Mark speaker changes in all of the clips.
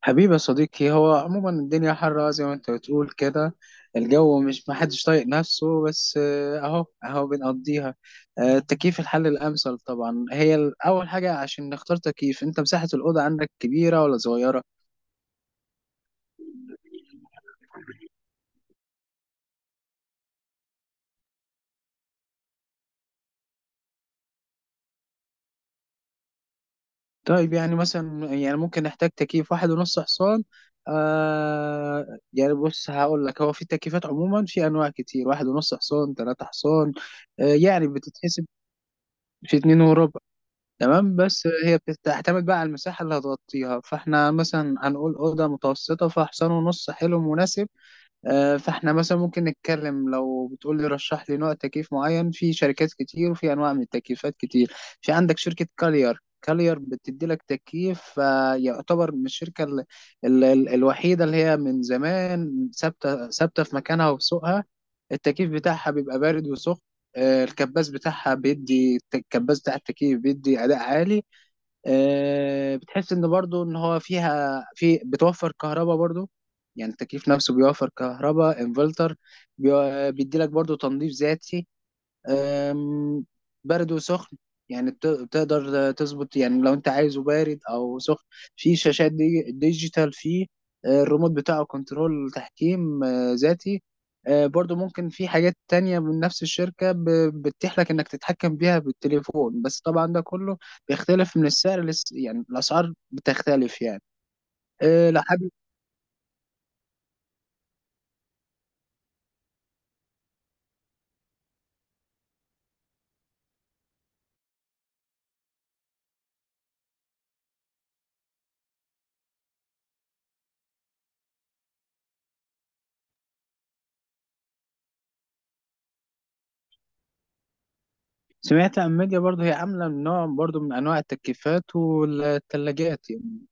Speaker 1: حبيبي يا صديقي، هو عموما الدنيا حرة زي ما انت بتقول كده. الجو مش محدش طايق نفسه بس، اهو اهو بنقضيها. التكييف الحل الامثل طبعا. هي اول حاجة عشان نختار تكييف، انت مساحة الاوضة عندك كبيرة ولا صغيرة؟ طيب يعني مثلا يعني ممكن نحتاج تكييف واحد ونص حصان. آه يعني بص هقول لك، هو في تكييفات عموما، في انواع كتير: واحد ونص حصان، ثلاثة حصان. آه يعني بتتحسب. في اتنين وربع. تمام. بس هي بتعتمد بقى على المساحة اللي هتغطيها، فاحنا مثلا هنقول أوضة متوسطة فحصان ونص حلو مناسب. فاحنا مثلا ممكن نتكلم، لو بتقول لي رشح لي نوع تكييف معين، في شركات كتير وفي انواع من التكييفات كتير. في عندك شركة كالير. كالير بتدي لك تكييف يعتبر من الشركة ال الوحيدة اللي هي من زمان ثابتة ثابتة في مكانها وفي سوقها. التكييف بتاعها بيبقى بارد وسخن. الكباس بتاعها بيدي، الكباس بتاع التكييف بيدي أداء عالي. بتحس ان برضو ان هو فيها بتوفر كهرباء برضو. يعني التكييف نفسه بيوفر كهرباء، انفلتر. بيدي لك برضو تنظيف ذاتي. أم، برد وسخن. يعني بتقدر تظبط يعني لو انت عايزه بارد او سخن. في شاشات دي ديجيتال. في الريموت بتاعه كنترول تحكيم ذاتي. برضو ممكن في حاجات تانية من نفس الشركة بتتيح لك انك تتحكم بيها بالتليفون، بس طبعا ده كله بيختلف من السعر، لس يعني الاسعار بتختلف يعني. لو حابب. سمعت عن ميديا برضو، هي عاملة نوع برضو من انواع التكييفات والثلاجات يعني.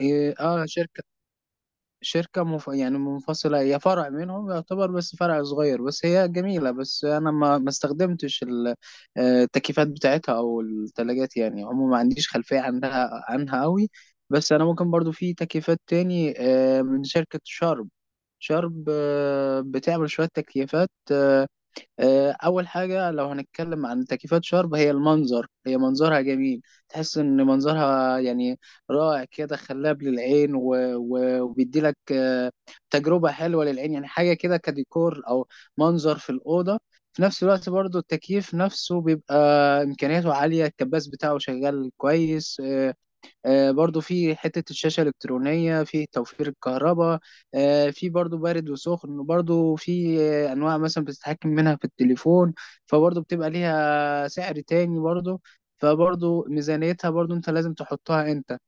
Speaker 1: اه. شركة، يعني منفصلة، هي فرع منهم يعتبر، بس فرع صغير، بس هي جميلة. بس أنا ما استخدمتش التكييفات بتاعتها أو التلاجات، يعني عموما ما عنديش خلفية عنها أوي. بس أنا ممكن برضو في تكييفات تاني من شركة شارب. شارب بتعمل شوية تكييفات. اول حاجه لو هنتكلم عن تكييفات شرب هي المنظر، هي منظرها جميل. تحس ان منظرها يعني رائع كده، خلاب للعين. وبيدي لك تجربه حلوه للعين، يعني حاجه كده كديكور او منظر في الاوضه. في نفس الوقت برضو التكييف نفسه بيبقى امكانياته عاليه، الكباس بتاعه شغال كويس. برضو في حتة الشاشة الإلكترونية، في توفير الكهرباء. في برضو بارد وسخن، وبرضو في أنواع مثلا بتتحكم منها في التليفون، فبرضو بتبقى ليها سعر تاني برضو. فبرضو ميزانيتها برضو أنت لازم تحطها أنت.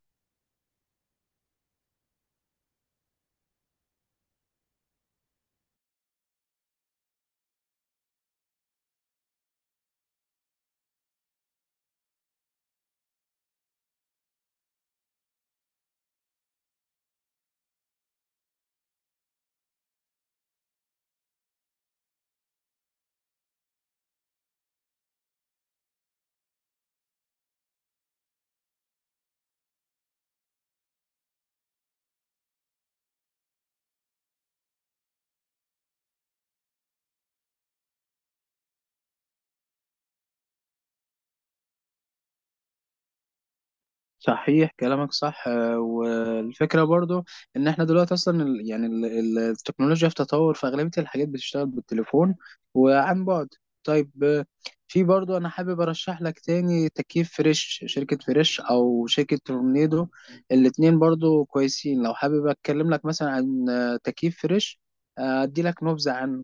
Speaker 1: صحيح كلامك صح. والفكرة برضو ان احنا دلوقتي اصلا يعني التكنولوجيا في تطور، فاغلبية الحاجات بتشتغل بالتليفون وعن بعد. طيب. في برضو انا حابب ارشح لك تاني تكييف فريش، شركة فريش او شركة تورنيدو. الاتنين برضو كويسين. لو حابب اتكلم لك مثلا عن تكييف فريش، ادي لك نبذة عنه.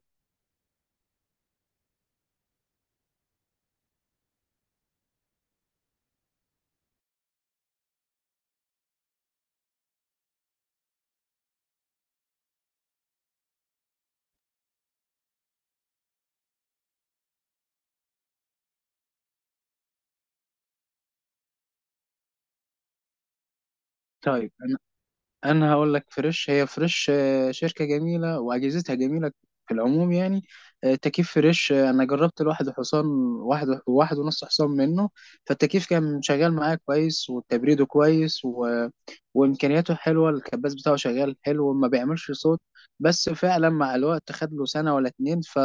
Speaker 1: طيب انا هقول لك فريش، هي فريش شركه جميله واجهزتها جميله في العموم يعني. تكييف فريش، انا جربت الواحد حصان، واحد ونص حصان منه. فالتكييف كان شغال معايا كويس وتبريده كويس وامكانياته حلوه. الكباس بتاعه شغال حلو، ما بيعملش صوت. بس فعلا مع الوقت خد له سنه ولا اتنين ف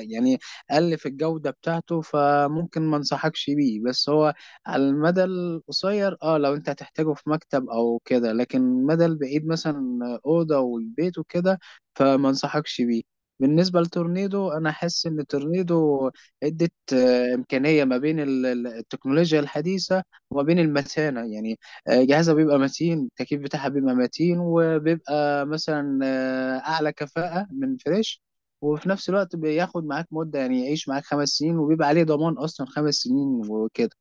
Speaker 1: يعني قل في الجوده بتاعته، فممكن ما انصحكش بيه. بس هو على المدى القصير اه، لو انت هتحتاجه في مكتب او كده، لكن المدى البعيد مثلا اوضه والبيت وكده فما انصحكش بيه. بالنسبه لتورنيدو، انا حاسس ان تورنيدو ادت امكانيه ما بين التكنولوجيا الحديثه وما بين المتانه يعني. جهازها بيبقى متين، التكييف بتاعها بيبقى متين، وبيبقى مثلا اعلى كفاءه من فريش. وفي نفس الوقت بياخد معاك مدة، يعني يعيش معاك 5 سنين، وبيبقى عليه ضمان أصلا 5 سنين وكده.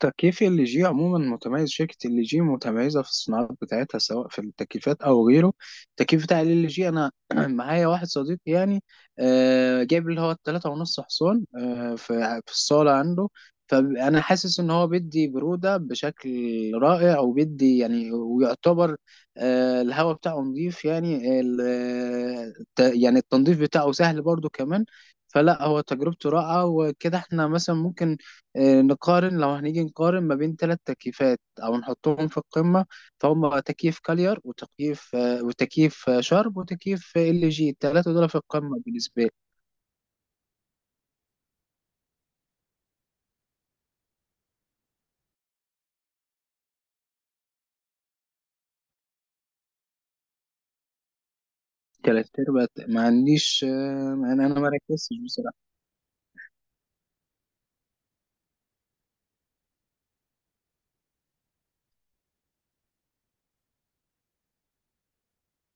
Speaker 1: تكييف ال جي عموما متميز، شركة ال جي متميزة في الصناعات بتاعتها سواء في التكييفات أو غيره. التكييف بتاع ال جي، أنا معايا واحد صديقي يعني جايب اللي هو التلاتة ونص حصان في الصالة عنده. فأنا حاسس إن هو بيدي برودة بشكل رائع، وبيدي يعني ويعتبر الهواء بتاعه نظيف. يعني يعني التنظيف بتاعه سهل برضو كمان. فلا هو تجربته رائعة وكده. احنا مثلا ممكن نقارن. لو هنيجي نقارن ما بين ثلاث تكييفات او نحطهم في القمه، فهم تكييف كاليار، وتكييف شرب، وتكييف ال جي. الثلاثه دول في القمه بالنسبه لي. ثلاث ارباع ما عنديش. أنا ما ركزتش بصراحه.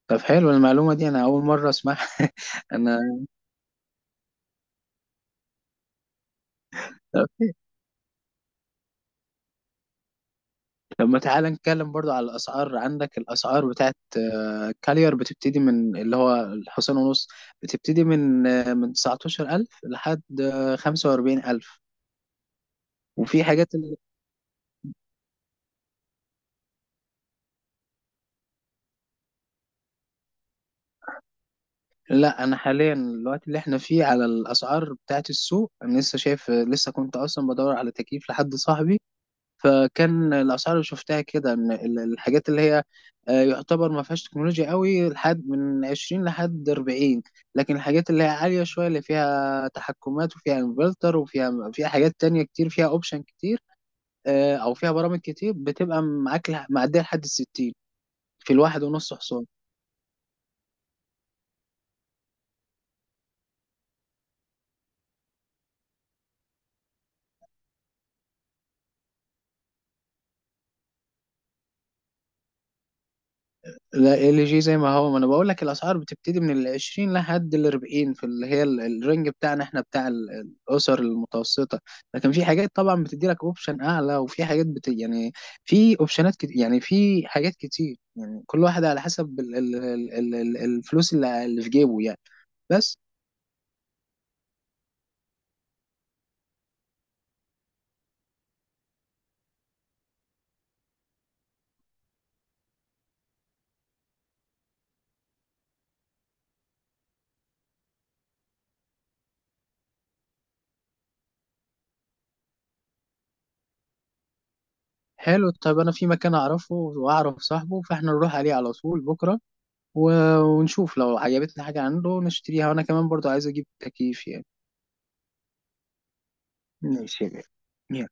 Speaker 1: طب حلو المعلومه دي، انا اول مره اسمعها. انا طب ما تعالى نتكلم برضو على الاسعار. عندك الاسعار بتاعت كاليار بتبتدي من اللي هو الحصان ونص، بتبتدي من من 19000 لحد 45000. وفي حاجات لا، انا حاليا الوقت اللي احنا فيه على الاسعار بتاعت السوق، انا لسه شايف، لسه كنت اصلا بدور على تكييف لحد صاحبي. فكان الاسعار اللي شفتها كده ان الحاجات اللي هي يعتبر ما فيهاش تكنولوجيا قوي لحد من 20 لحد 40. لكن الحاجات اللي هي عالية شوية، اللي فيها تحكمات وفيها انفلتر وفيها حاجات تانية كتير، فيها اوبشن كتير او فيها برامج كتير، بتبقى معاك معدية لحد 60 في الواحد ونص حصان. لا، ال جي زي ما هو، ما انا بقول لك الاسعار بتبتدي من ال 20 لحد ال 40 في اللي هي الرينج بتاعنا احنا بتاع الاسر المتوسطه. لكن في حاجات طبعا بتدي لك اوبشن اعلى، وفي حاجات يعني في يعني في حاجات كتير. يعني كل واحد على حسب الفلوس اللي في جيبه يعني. بس. حلو. طيب انا في مكان اعرفه واعرف صاحبه، فاحنا نروح عليه على طول بكره و... ونشوف لو عجبتنا حاجه عنده نشتريها، وانا كمان برضو عايز اجيب تكييف يعني. ماشي يا غالي.